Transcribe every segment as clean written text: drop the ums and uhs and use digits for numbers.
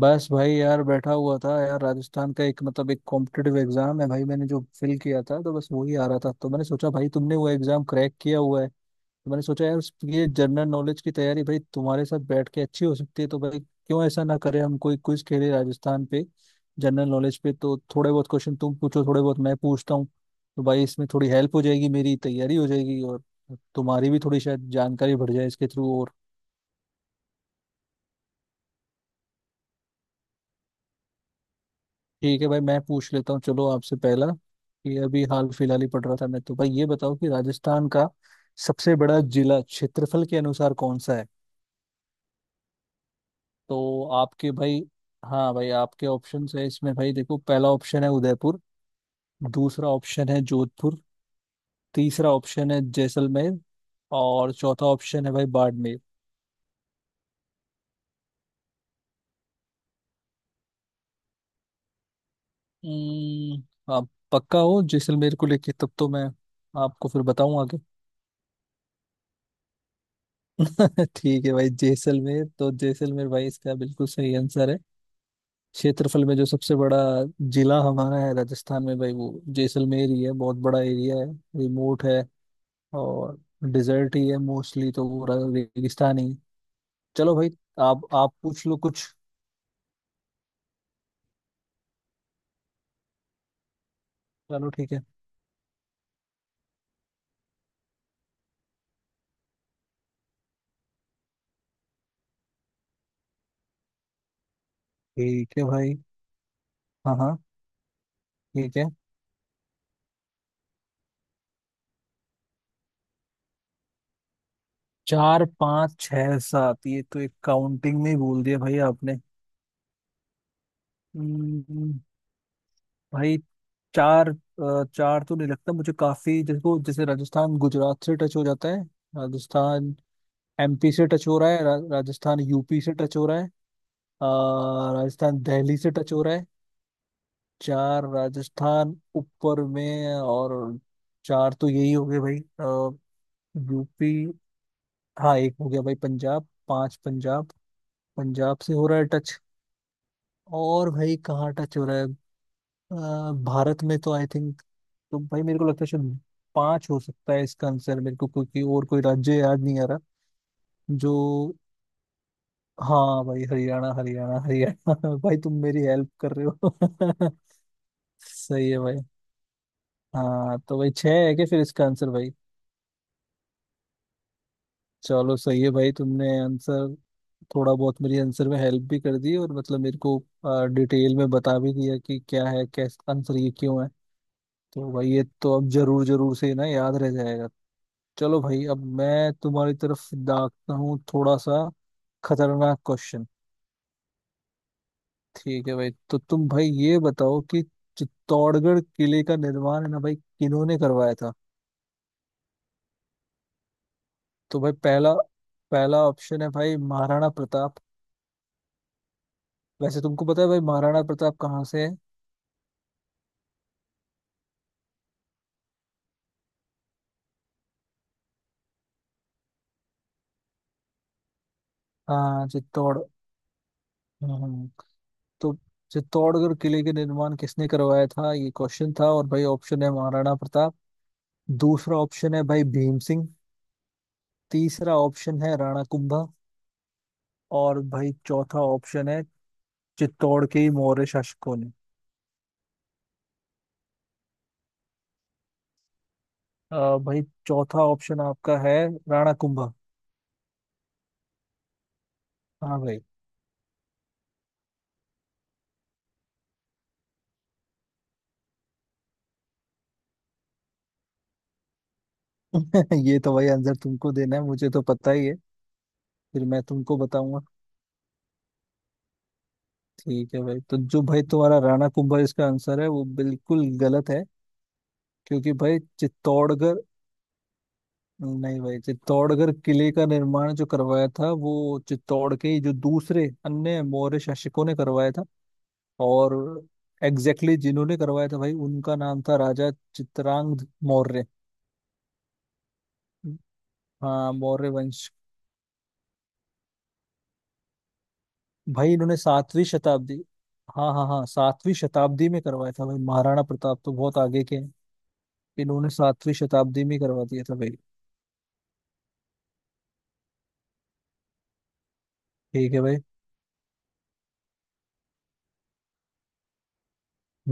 बस भाई यार बैठा हुआ था यार। राजस्थान का एक मतलब एक कॉम्पिटिटिव एग्जाम है भाई, मैंने जो फिल किया था, तो बस वही आ रहा था। तो मैंने सोचा भाई तुमने वो एग्जाम क्रैक किया हुआ है, तो मैंने सोचा यार ये जनरल नॉलेज की तैयारी भाई तुम्हारे साथ बैठ के अच्छी हो सकती है। तो भाई क्यों ऐसा ना करें, हम कोई क्विज खेले राजस्थान पे, जनरल नॉलेज पे। तो थोड़े बहुत क्वेश्चन तुम पूछो, थोड़े बहुत मैं पूछता हूँ। तो भाई इसमें थोड़ी हेल्प हो जाएगी, मेरी तैयारी हो जाएगी और तुम्हारी भी थोड़ी शायद जानकारी बढ़ जाए इसके थ्रू। ठीक है भाई, मैं पूछ लेता हूँ। चलो आपसे पहला कि अभी हाल फिलहाल ही पढ़ रहा था मैं, तो भाई ये बताओ कि राजस्थान का सबसे बड़ा जिला क्षेत्रफल के अनुसार कौन सा है। तो आपके भाई, हाँ भाई आपके ऑप्शंस है इसमें भाई, देखो पहला ऑप्शन है उदयपुर, दूसरा ऑप्शन है जोधपुर, तीसरा ऑप्शन है जैसलमेर, और चौथा ऑप्शन है भाई बाड़मेर। आप पक्का हो जैसलमेर को लेके, तब तो मैं आपको फिर बताऊं आगे। ठीक है भाई, जैसलमेर तो जैसलमेर भाई, इसका बिल्कुल सही आंसर है। क्षेत्रफल में जो सबसे बड़ा जिला हमारा है राजस्थान में भाई, वो जैसलमेर ही है। बहुत बड़ा एरिया है, रिमोट है, और डिजर्ट ही है मोस्टली। तो वो रेगिस्तान ही है। चलो भाई, आप पूछ लो कुछ। चलो ठीक है। ठीक है भाई। हाँ हाँ। ठीक है। चार पाँच छः सात, ये तो एक काउंटिंग में ही बोल दिया भाई आपने। हम्म, भाई चार तो नहीं लगता मुझे। काफी जैसे जैसे राजस्थान गुजरात से टच हो जाता है। राजस्थान एमपी से टच हो रहा है, राजस्थान यूपी से टच हो रहा है। अ, राजस्थान दिल्ली से टच हो रहा है। चार राजस्थान ऊपर में, और चार तो यही हो गए भाई। यूपी। हाँ एक हो गया भाई पंजाब, पांच पंजाब। पंजाब से हो रहा है टच। और भाई कहाँ टच हो रहा है? अ, भारत में तो आई थिंक, तो भाई मेरे को लगता है शायद पांच हो सकता है इसका आंसर, मेरे को क्योंकि और कोई राज्य याद नहीं आ रहा जो। हाँ भाई हरियाणा हरियाणा हरियाणा, भाई तुम मेरी हेल्प कर रहे हो। सही है भाई। हाँ, तो भाई छह है क्या फिर इसका आंसर भाई? चलो सही है भाई, तुमने आंसर थोड़ा बहुत मेरी आंसर में हेल्प भी कर दी, और मतलब मेरे को डिटेल में बता भी दिया कि क्या है, कैसे आंसर ये क्यों है। तो भाई ये तो अब जरूर जरूर से ना याद रह जाएगा। चलो भाई, अब मैं तुम्हारी तरफ दागता हूँ थोड़ा सा खतरनाक क्वेश्चन। ठीक है भाई, तो तुम भाई ये बताओ कि चित्तौड़गढ़ किले का निर्माण है ना भाई किन्होंने करवाया था? तो भाई पहला पहला ऑप्शन है भाई महाराणा प्रताप। वैसे तुमको पता है भाई महाराणा प्रताप कहाँ से है? हाँ चित्तौड़। हम्म, तो चित्तौड़गढ़ किले के निर्माण किसने करवाया था, ये क्वेश्चन था। और भाई ऑप्शन है महाराणा प्रताप, दूसरा ऑप्शन है भाई भीम सिंह, तीसरा ऑप्शन है राणा कुंभा, और भाई चौथा ऑप्शन है चित्तौड़ के ही मौर्य शासकों ने। अ, भाई चौथा ऑप्शन आपका है राणा कुंभा। हाँ भाई। ये तो भाई आंसर तुमको देना है, मुझे तो पता ही है, फिर मैं तुमको बताऊंगा। ठीक है भाई, तो जो भाई तुम्हारा राणा कुंभा इसका आंसर है, वो बिल्कुल गलत है। क्योंकि भाई चित्तौड़गढ़, नहीं भाई, चित्तौड़गढ़ किले का निर्माण जो करवाया था, वो चित्तौड़ के ही जो दूसरे अन्य मौर्य शासकों ने करवाया था। और एग्जैक्टली exactly जिन्होंने करवाया था भाई, उनका नाम था राजा चित्रांगद मौर्य। हाँ मौर्य वंश। भाई इन्होंने सातवीं शताब्दी, हाँ हाँ हाँ, सातवीं शताब्दी में करवाया था भाई, महाराणा प्रताप तो बहुत आगे के हैं। इन्होंने सातवीं शताब्दी में करवा दिया था भाई। ठीक है भाई।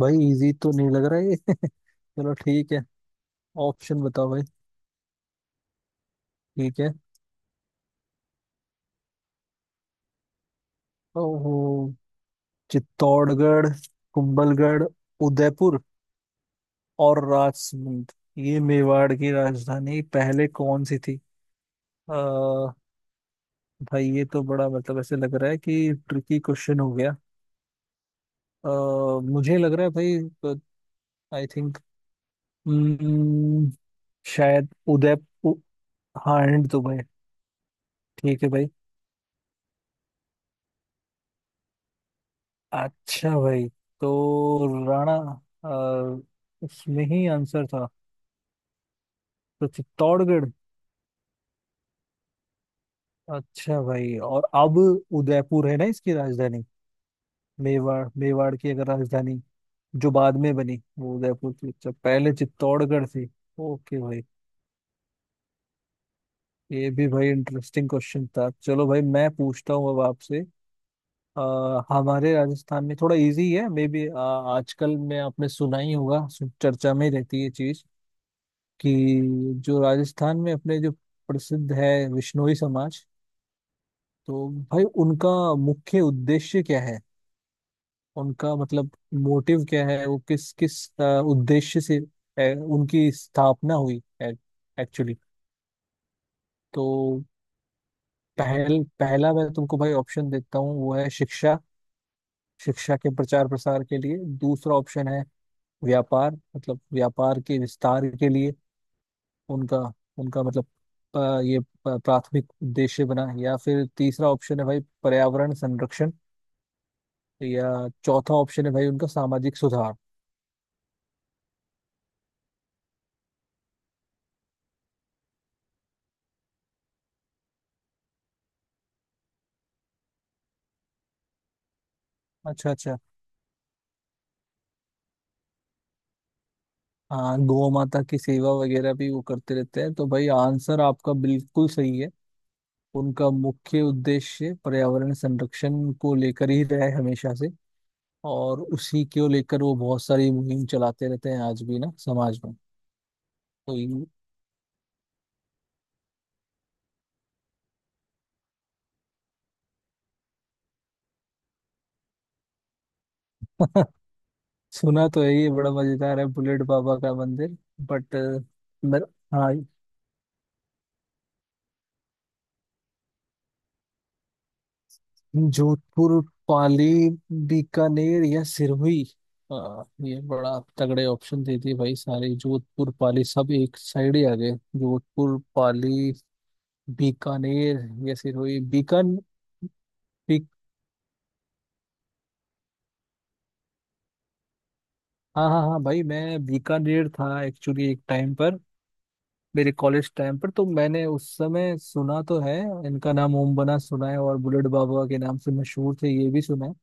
भाई इजी तो नहीं लग रहा है ये। चलो ठीक है, ऑप्शन बताओ भाई। ठीक है। ओहो, चित्तौड़गढ़, कुंभलगढ़, उदयपुर और राजसमंद, ये मेवाड़ की राजधानी पहले कौन सी थी। आ, भाई ये तो बड़ा मतलब ऐसे लग रहा है कि ट्रिकी क्वेश्चन हो गया। अ मुझे लग रहा है भाई, आई थिंक, हम्म, शायद उदयपुर। हाँ एंड तो भाई, ठीक है भाई, अच्छा भाई, तो राणा, अ, उसमें ही आंसर था, तो चित्तौड़गढ़। अच्छा भाई, और अब उदयपुर है ना इसकी राजधानी। मेवाड़ मेवाड़ की अगर राजधानी जो बाद में बनी वो उदयपुर थी, अच्छा पहले चित्तौड़गढ़ थी। ओके भाई, ये भी भाई इंटरेस्टिंग क्वेश्चन था। चलो भाई मैं पूछता हूँ अब आपसे, हमारे राजस्थान में थोड़ा इजी है मे बी, आजकल में आपने सुना ही होगा, चर्चा में रहती है चीज, कि जो राजस्थान में अपने जो प्रसिद्ध है विश्नोई समाज, तो भाई उनका मुख्य उद्देश्य क्या है, उनका मतलब मोटिव क्या है, वो किस किस उद्देश्य से उनकी स्थापना हुई एक्चुअली। तो पहला मैं तुमको भाई ऑप्शन देता हूँ, वो है शिक्षा, शिक्षा के प्रचार प्रसार के लिए। दूसरा ऑप्शन है व्यापार, मतलब व्यापार के विस्तार के लिए उनका, उनका मतलब, ये प्राथमिक उद्देश्य बना। या फिर तीसरा ऑप्शन है भाई पर्यावरण संरक्षण, या चौथा ऑप्शन है भाई उनका सामाजिक सुधार। अच्छा अच्छा। हाँ, गौ माता की सेवा वगैरह भी वो करते रहते हैं, तो भाई आंसर आपका बिल्कुल सही है। उनका मुख्य उद्देश्य पर्यावरण संरक्षण को लेकर ही रहा है हमेशा से, और उसी को लेकर वो बहुत सारी मुहिम चलाते रहते हैं आज भी ना समाज में। तो सुना तो है, ये बड़ा मजेदार है बुलेट बाबा का मंदिर, बट मेरा, हाँ, जोधपुर पाली बीकानेर या सिरहुई। ये बड़ा तगड़े ऑप्शन दे दिए भाई सारे, जोधपुर पाली सब एक साइड ही आ गए। जोधपुर पाली बीकानेर या सिरहुई, बीकान बीक हाँ हाँ हाँ भाई, मैं बीकानेर था एक्चुअली एक टाइम पर, मेरे कॉलेज टाइम पर, तो मैंने उस समय सुना तो है। इनका नाम ओम बना सुना है, और बुलेट बाबा के नाम से मशहूर थे ये भी सुना है।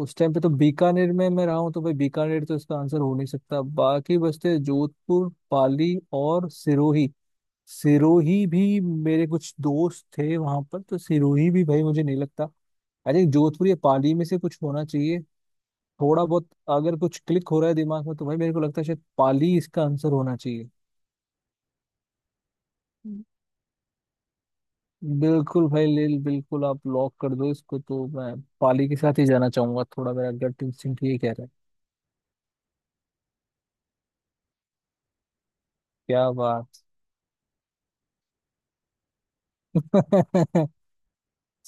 उस टाइम पे तो बीकानेर में मैं रहा हूँ, तो भाई बीकानेर तो इसका आंसर हो नहीं सकता। बाकी बचते जोधपुर पाली और सिरोही। सिरोही भी, मेरे कुछ दोस्त थे वहां पर, तो सिरोही भी भाई मुझे नहीं लगता। आई थिंक जोधपुर या पाली में से कुछ होना चाहिए। थोड़ा बहुत अगर कुछ क्लिक हो रहा है दिमाग में, तो भाई मेरे को लगता है शायद पाली इसका आंसर होना चाहिए। बिल्कुल भाई, लिल बिल्कुल आप लॉक कर दो इसको, तो मैं पाली के साथ ही जाना चाहूंगा, थोड़ा मेरा गट इंस्टिंक्ट ये कह रहा है। क्या बात।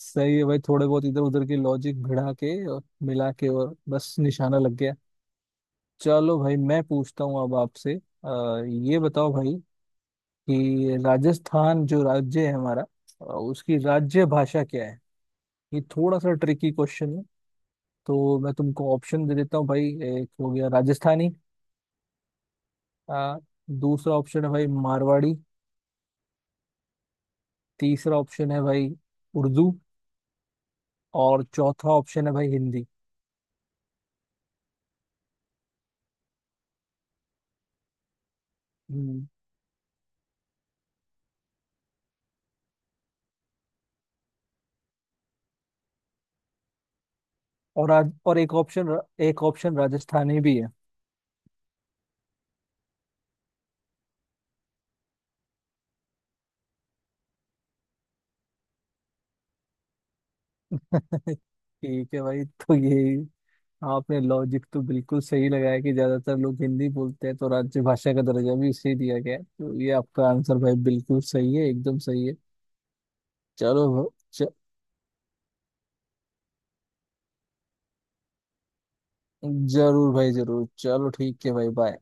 सही है भाई, थोड़े बहुत इधर उधर के लॉजिक भिड़ा के और मिला के, और बस निशाना लग गया। चलो भाई मैं पूछता हूँ अब आपसे, ये बताओ भाई कि राजस्थान जो राज्य है हमारा, उसकी राज्य भाषा क्या है। ये थोड़ा सा ट्रिकी क्वेश्चन है। तो मैं तुमको ऑप्शन दे देता हूँ भाई, एक हो गया राजस्थानी, आ, दूसरा ऑप्शन है भाई मारवाड़ी, तीसरा ऑप्शन है भाई उर्दू, और चौथा ऑप्शन है भाई हिंदी। हम्म, और आज और एक ऑप्शन, एक ऑप्शन राजस्थानी भी है। ठीक है भाई, तो ये आपने लॉजिक तो बिल्कुल सही लगाया कि ज्यादातर लोग हिंदी बोलते हैं, तो राज्य भाषा का दर्जा भी उसे दिया गया है, तो ये आपका आंसर भाई बिल्कुल सही है, एकदम सही है। चलो भ- च, जरूर भाई जरूर, चलो ठीक है भाई, बाय।